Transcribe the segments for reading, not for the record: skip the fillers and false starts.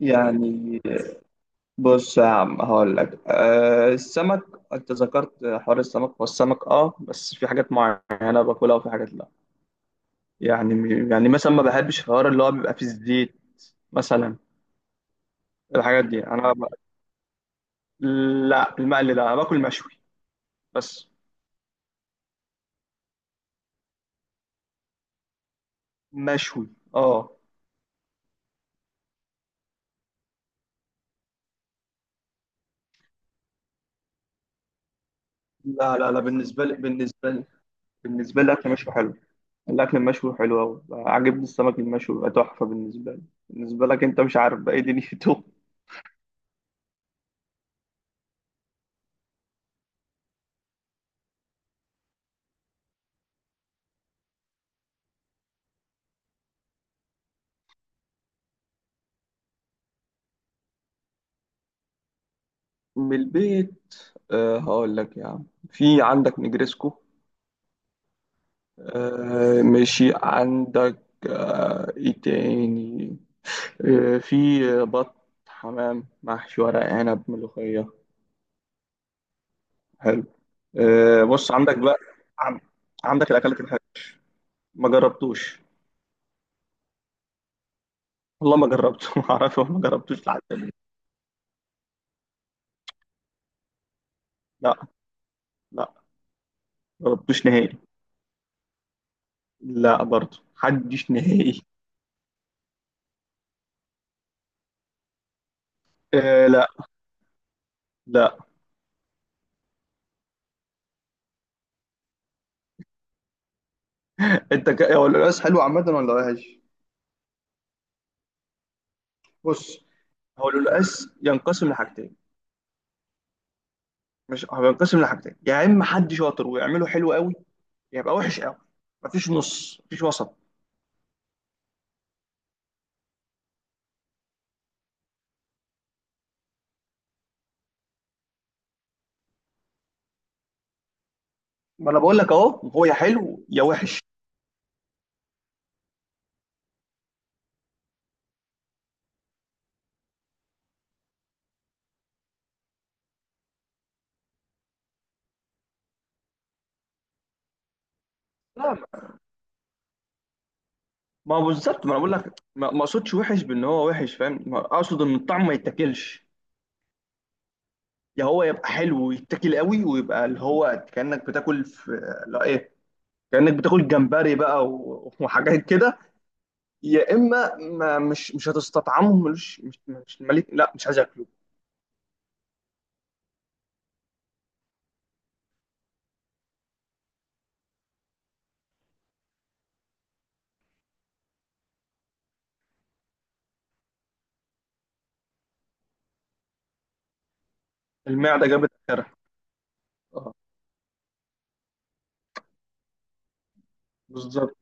يعني بص يا عم هقول لك، أه السمك. انت ذكرت حوار السمك، هو السمك اه، بس في حاجات معينه باكلها وفي حاجات لا. يعني مثلا ما بحبش الحوار اللي هو بيبقى فيه زيت مثلا. الحاجات دي انا لا، المقلي ده انا باكل مشوي، بس مشوي. اه. لا لا لا، بالنسبه لي، بالنسبه لي الاكل مشوي حلو، الاكل المشوي حلو قوي، عاجبني السمك المشوي بيبقى تحفه بالنسبه لي. بالنسبه لك انت مش عارف بقى ايه دنيته. من البيت، أه هقول لك يا عم، في عندك نجريسكو. أه ماشي عندك. أه ايه تاني. أه في بط، حمام، محشي، ورق عنب، ملوخية. حلو. أه بص عندك بقى، عن- عندك الأكلات الحلوة ما جربتوش. والله ما جربته ما اعرفش، ما جربتوش لحد دلوقتي. لا لا، ما جربتوش نهائي. لا برضه حدش نهائي. أه لا لا، انت هو القلقاس حلو عامة ولا وحش؟ بص، هو القلقاس ينقسم لحاجتين، مش هو ينقسم لحاجتين، يا اما حد شاطر ويعمله حلو قوي، يا يبقى وحش قوي. مفيش نص، مفيش وسط. ما انا بقول لك اهو، هو يا حلو يا وحش. لا، ما هو بالظبط، ما انا بقول لك، ما اقصدش وحش بان هو وحش، فاهم؟ ما اقصد ان الطعم ما يتاكلش. يا هو يبقى حلو ويتاكل قوي، ويبقى اللي هو كانك بتاكل في، لا ايه، كانك بتاكل جمبري بقى وحاجات كده. يا اما ما مش هتستطعمه، ملوش، مش مليك، لا مش عايز اكله. المعده جابت اخرها. اه بالظبط.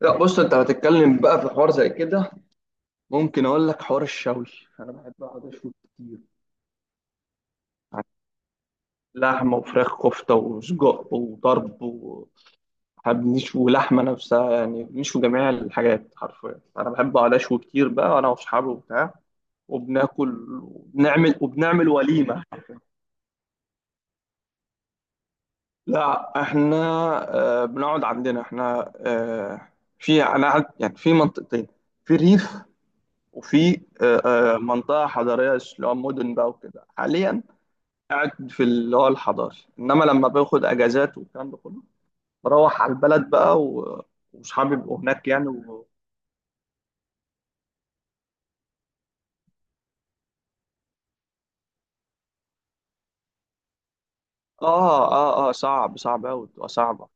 لا بص، انت هتتكلم بقى في حوار زي كده، ممكن اقول لك حوار الشوي. انا بحب اقعد اشوي كتير. لحمه وفراخ، كفته وسجق وطرب وحب، نشوي لحمه نفسها، يعني بنشوي جميع الحاجات حرفيا. انا بحب اقعد اشوي كتير بقى انا واصحابي وبتاع، وبناكل وبنعمل، وبنعمل وليمه. لا احنا، آه بنقعد عندنا احنا، آه في انا يعني في منطقتين، في ريف وفي منطقة حضرية اللي هو مدن بقى وكده. حاليا قاعد في اللي هو الحضاري، إنما لما باخد أجازات والكلام ده كله بروح على البلد بقى وصحابي بيبقوا هناك آه آه آه، صعب صعب أوي، بتبقى صعبة.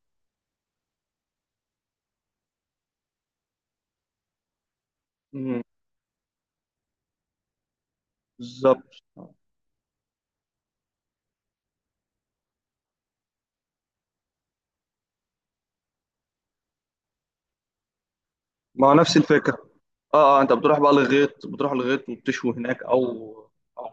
مم، بالظبط. ما هو نفس الفكرة. آه آه، أنت بتروح بقى للغيط، بتروح للغيط وبتشوي هناك أو أو.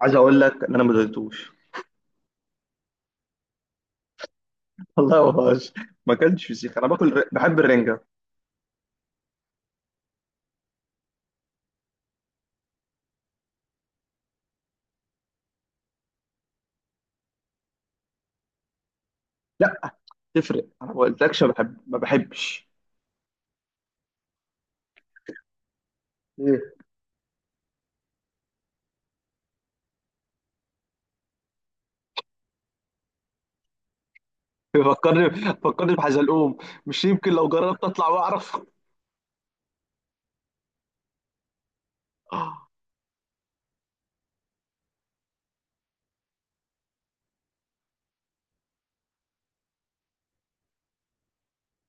عايز أقول لك إن أنا ما دوقتوش والله ما بهزر. ما أكلتش فسيخ، أنا باكل بحب الرنجة. لا تفرق، أنا ما قلتلكش بحب ما بحبش ايه. فكرني، فكرني بحزلقوم، مش يمكن لو جربت اطلع واعرف.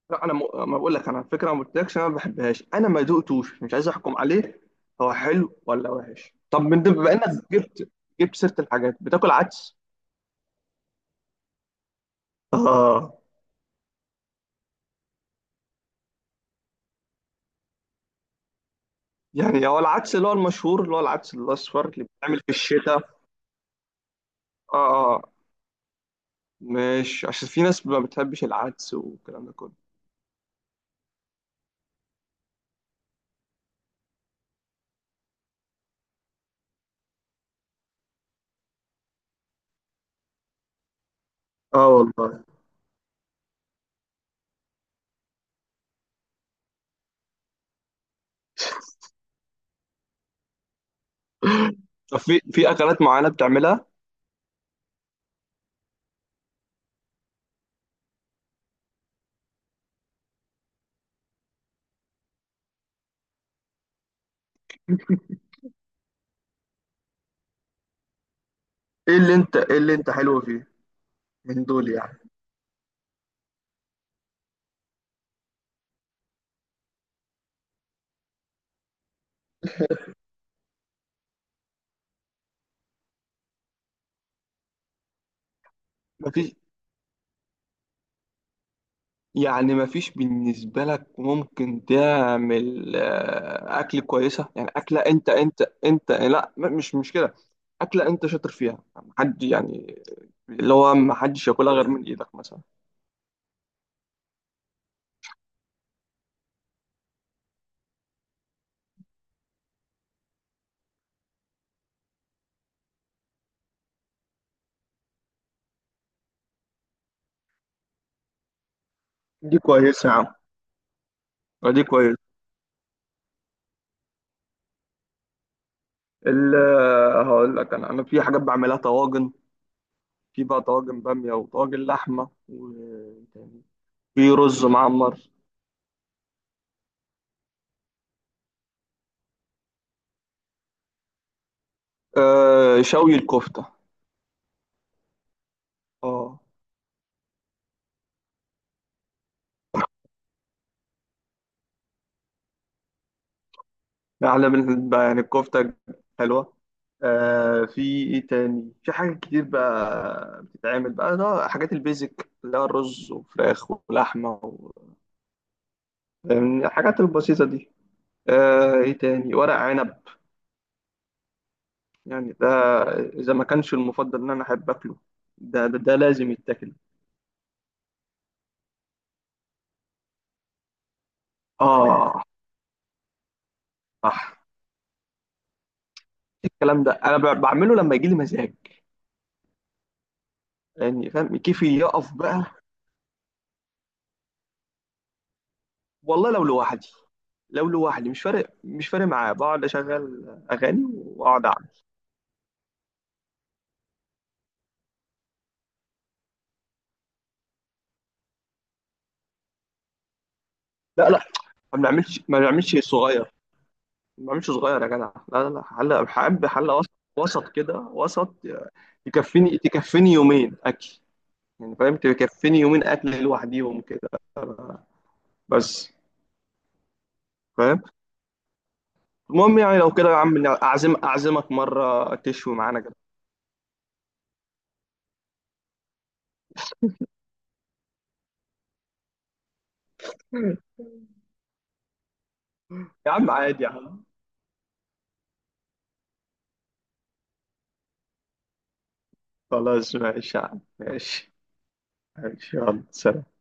لا انا ما بقول لك انا على فكره، ما قلتلكش انا ما بحبهاش، انا ما دقتوش، مش عايز احكم عليه هو حلو ولا وحش. طب من ده، بما انك جبت جبت سيره الحاجات، بتاكل عدس؟ اه. يعني هو العدس اللي هو المشهور اللي هو العدس الاصفر اللي بيتعمل في الشتاء. اه اه، مش عشان في ناس ما بتحبش العدس والكلام ده كله. اه والله. طب في في اكلات معينه بتعملها؟ ايه اللي انت، ايه اللي انت حلو فيه من دول يعني؟ مفيش؟ يعني مفيش بالنسبة لك ممكن تعمل أكل كويسة، يعني أكلة أنت، أنت لا مش مش كده، أكلة أنت شاطر فيها، حد يعني، اللي هو ما حدش ياكلها غير من إيدك مثلا. دي كويسة يا عم، دي كويسة. هقول لك أنا، أنا في حاجات بعملها طواجن، في بقى طواجن بامية وطواجن لحمة، وفي رز معمر. آه، شوي الكفتة. اه، ده احلى من بقى يعني، الكفته حلوه. آه، في ايه تاني. في حاجات كتير بقى بتتعمل بقى، ده حاجات البيزك اللي هو الرز وفراخ ولحمه يعني الحاجات البسيطه دي. آه ايه تاني، ورق عنب، يعني ده اذا ما كانش المفضل ان انا احب اكله، ده لازم يتاكل. اه صح، الكلام ده انا بعمله لما يجي لي مزاج، يعني فاهم كيفي يقف بقى. والله لو لوحدي، لو لوحدي مش فارق، مش فارق معايا، بقعد اشغل اغاني واقعد اعمل. لا لا، ما بنعملش، ما بنعملش صغير، ما بنعملش صغير يا جدع، لا لا لا، حل بحب حل وسط، وسط كده، وسط. تكفيني، تكفيني يومين اكل، يعني فاهم، تكفيني يومين اكل لوحديهم كده بس، فاهم. المهم يعني لو كده يا عم، اعزم اعزمك مره تشوي معانا كده. يا عم عادي يا عم. خلاص ماشي يا عم، ماشي، ماشي، يلا سلام.